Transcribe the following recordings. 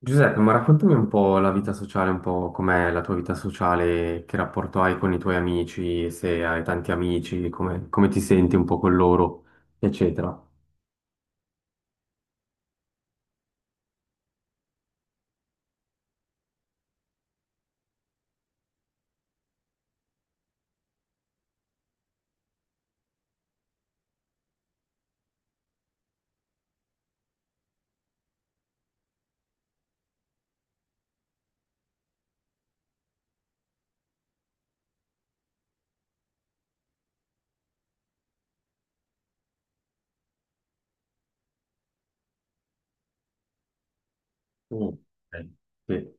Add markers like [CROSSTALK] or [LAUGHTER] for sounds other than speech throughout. Giuseppe, ma raccontami un po' la vita sociale, un po' com'è la tua vita sociale, che rapporto hai con i tuoi amici, se hai tanti amici, come, come ti senti un po' con loro, eccetera. Mm. Eh, sì,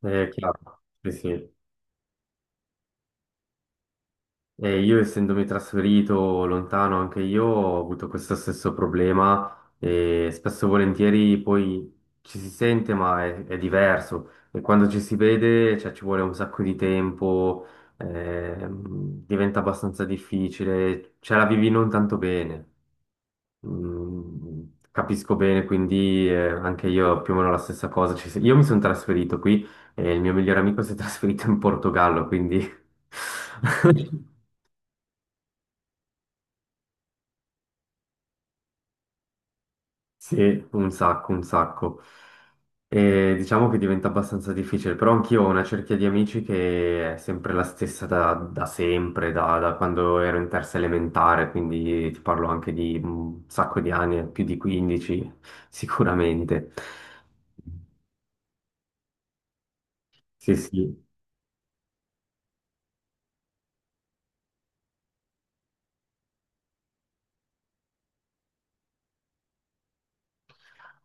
è chiaro. Sì, sì. E io essendomi trasferito lontano anche io ho avuto questo stesso problema e spesso e volentieri poi ci si sente ma è diverso e quando ci si vede cioè, ci vuole un sacco di tempo, diventa abbastanza difficile, ce la vivi non tanto bene. Mm, capisco bene, quindi anche io più o meno la stessa cosa. Io mi sono trasferito qui e il mio migliore amico si è [LAUGHS] trasferito in Portogallo, quindi... [LAUGHS] Sì, un sacco, un sacco. E diciamo che diventa abbastanza difficile, però anch'io ho una cerchia di amici che è sempre la stessa da sempre, da quando ero in terza elementare, quindi ti parlo anche di un sacco di anni, più di 15 sicuramente. Sì, sì.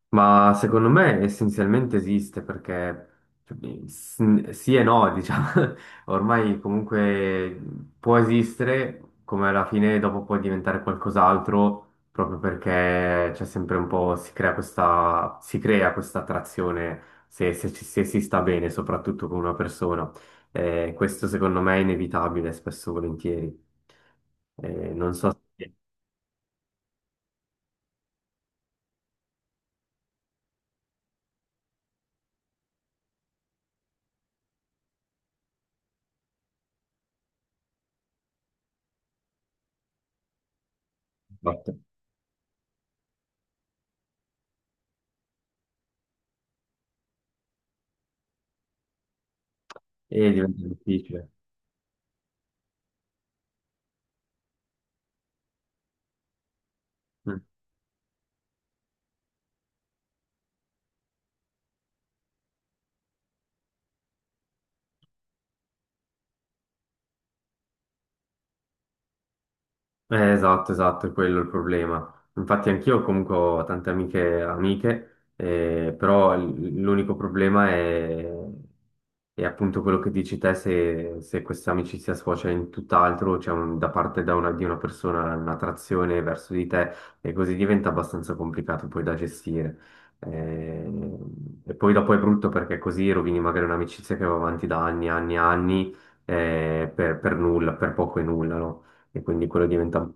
Ma secondo me essenzialmente esiste perché cioè, sì e no, diciamo, [LAUGHS] ormai comunque può esistere, come alla fine dopo può diventare qualcos'altro, proprio perché c'è sempre un po', si crea questa attrazione se, se si sta bene, soprattutto con una persona. Questo secondo me è inevitabile, spesso e volentieri. Non so se... E diventa difficile. Mm. Esatto, esatto, è quello il problema. Infatti anch'io comunque ho tante amiche, amiche, però l'unico problema è appunto quello che dici te, se, se questa amicizia sfocia in tutt'altro, c'è da parte di una persona un'attrazione verso di te e così diventa abbastanza complicato poi da gestire. Eh, e poi dopo è brutto perché così rovini magari un'amicizia che va avanti da anni, anni, anni, per nulla, per poco e nulla, no? E quindi quello diventa...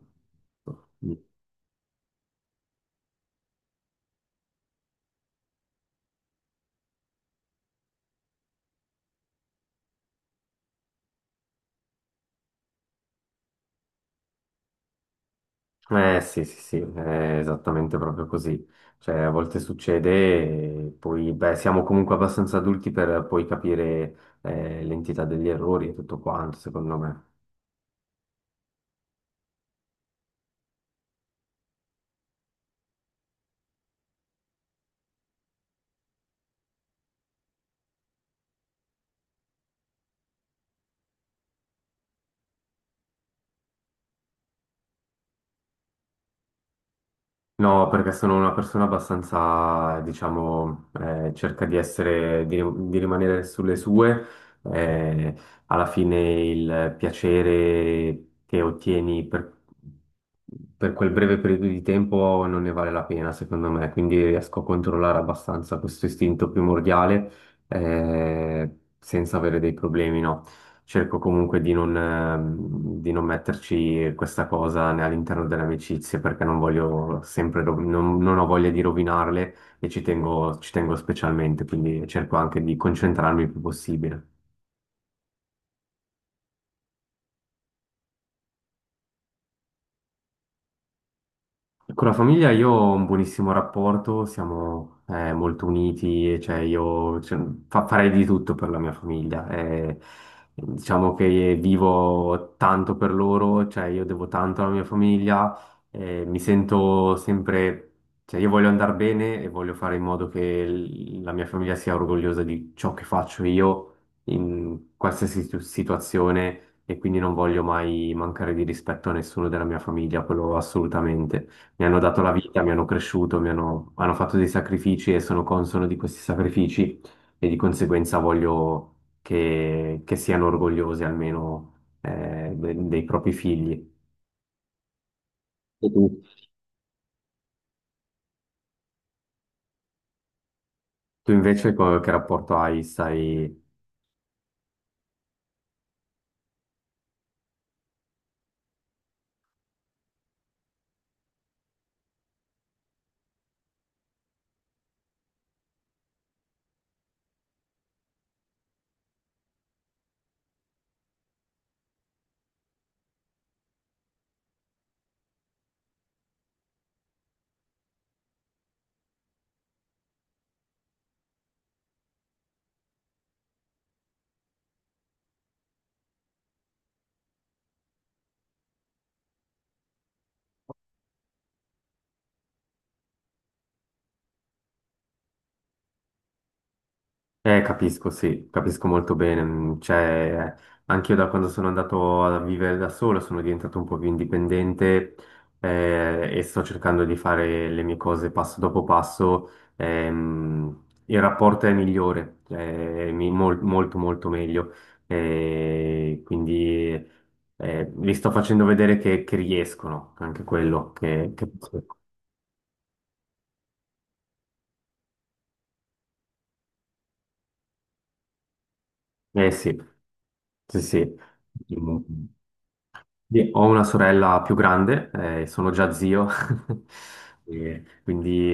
Eh sì, sì, sì, è esattamente proprio così. Cioè, a volte succede e poi, beh, siamo comunque abbastanza adulti per poi capire l'entità degli errori e tutto quanto, secondo me. No, perché sono una persona abbastanza, diciamo, cerca di essere, di rimanere sulle sue. Eh, alla fine il piacere che ottieni per quel breve periodo di tempo non ne vale la pena, secondo me. Quindi riesco a controllare abbastanza questo istinto primordiale, eh, senza avere dei problemi, no? Cerco comunque di non metterci questa cosa né all'interno delle amicizie perché non voglio sempre, non ho voglia di rovinarle e ci tengo specialmente, quindi cerco anche di concentrarmi il più possibile. Con la famiglia io ho un buonissimo rapporto, siamo molto uniti, e, cioè, farei di tutto per la mia famiglia. Eh, diciamo che vivo tanto per loro, cioè io devo tanto alla mia famiglia, mi sento sempre, cioè io voglio andare bene e voglio fare in modo che la mia famiglia sia orgogliosa di ciò che faccio io in qualsiasi situazione e quindi non voglio mai mancare di rispetto a nessuno della mia famiglia, quello assolutamente. Mi hanno dato la vita, mi hanno cresciuto, mi hanno, hanno fatto dei sacrifici e sono consono di questi sacrifici e di conseguenza voglio che siano orgogliosi almeno dei propri figli. E tu? Tu invece che rapporto hai? Stai, eh, capisco, sì, capisco molto bene. Mm, cioè, anch'io da quando sono andato a vivere da solo sono diventato un po' più indipendente e sto cercando di fare le mie cose passo dopo passo. Ehm, il rapporto è migliore, cioè, molto molto meglio. Eh, quindi vi sto facendo vedere che riescono, anche quello che... Eh sì, sì, sì. Sì, ho una sorella più grande, sono già zio, [LAUGHS] e quindi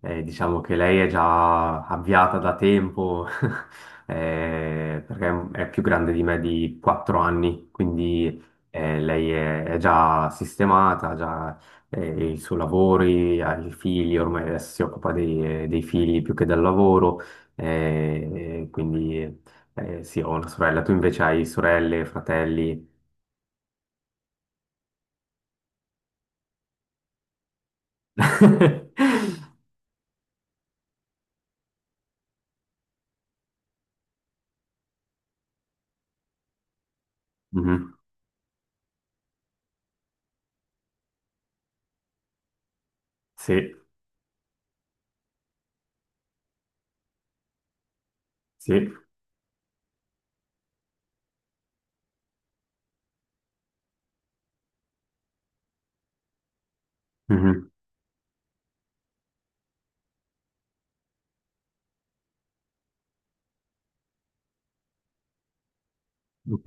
diciamo che lei è già avviata da tempo, [LAUGHS] perché è più grande di me di 4 anni, quindi lei è già sistemata, ha già i suoi lavori, ha i figli, ormai adesso si occupa dei, dei figli più che del lavoro, quindi sì, ho una sorella, tu invece hai sorelle, fratelli? [LAUGHS] Mhm. Sì, sì. Mhm. Ok.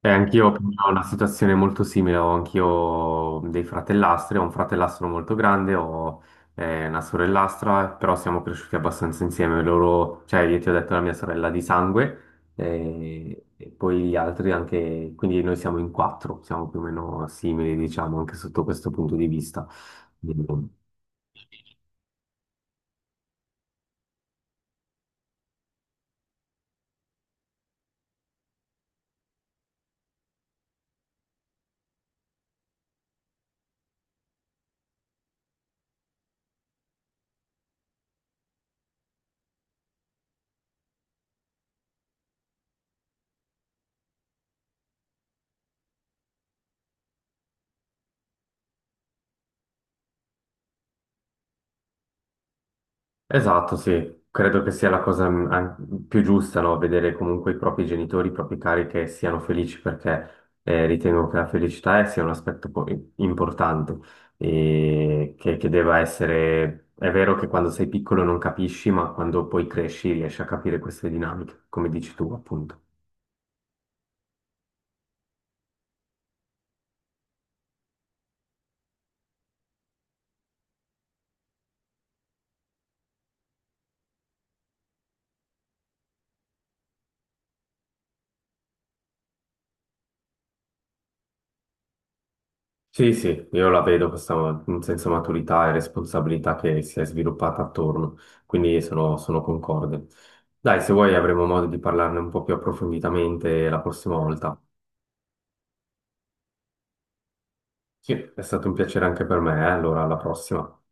E anch'io ho una situazione molto simile, ho anch'io dei fratellastri, ho un fratellastro molto grande, ho una sorellastra, però siamo cresciuti abbastanza insieme, loro, cioè io ti ho detto la mia sorella di sangue, e poi gli altri anche, quindi noi siamo in quattro, siamo più o meno simili, diciamo, anche sotto questo punto di vista. Esatto, sì, credo che sia la cosa mm, più giusta, no? Vedere comunque i propri genitori, i propri cari che siano felici perché ritengo che la felicità sia un aspetto importante e che deva essere... È vero che quando sei piccolo non capisci, ma quando poi cresci riesci a capire queste dinamiche, come dici tu, appunto. Sì, sì, io la vedo questa in senso maturità e responsabilità che si è sviluppata attorno, quindi sono, sono concorde. Dai, se vuoi avremo modo di parlarne un po' più approfonditamente la prossima volta. Sì, è stato un piacere anche per me, allora, alla prossima.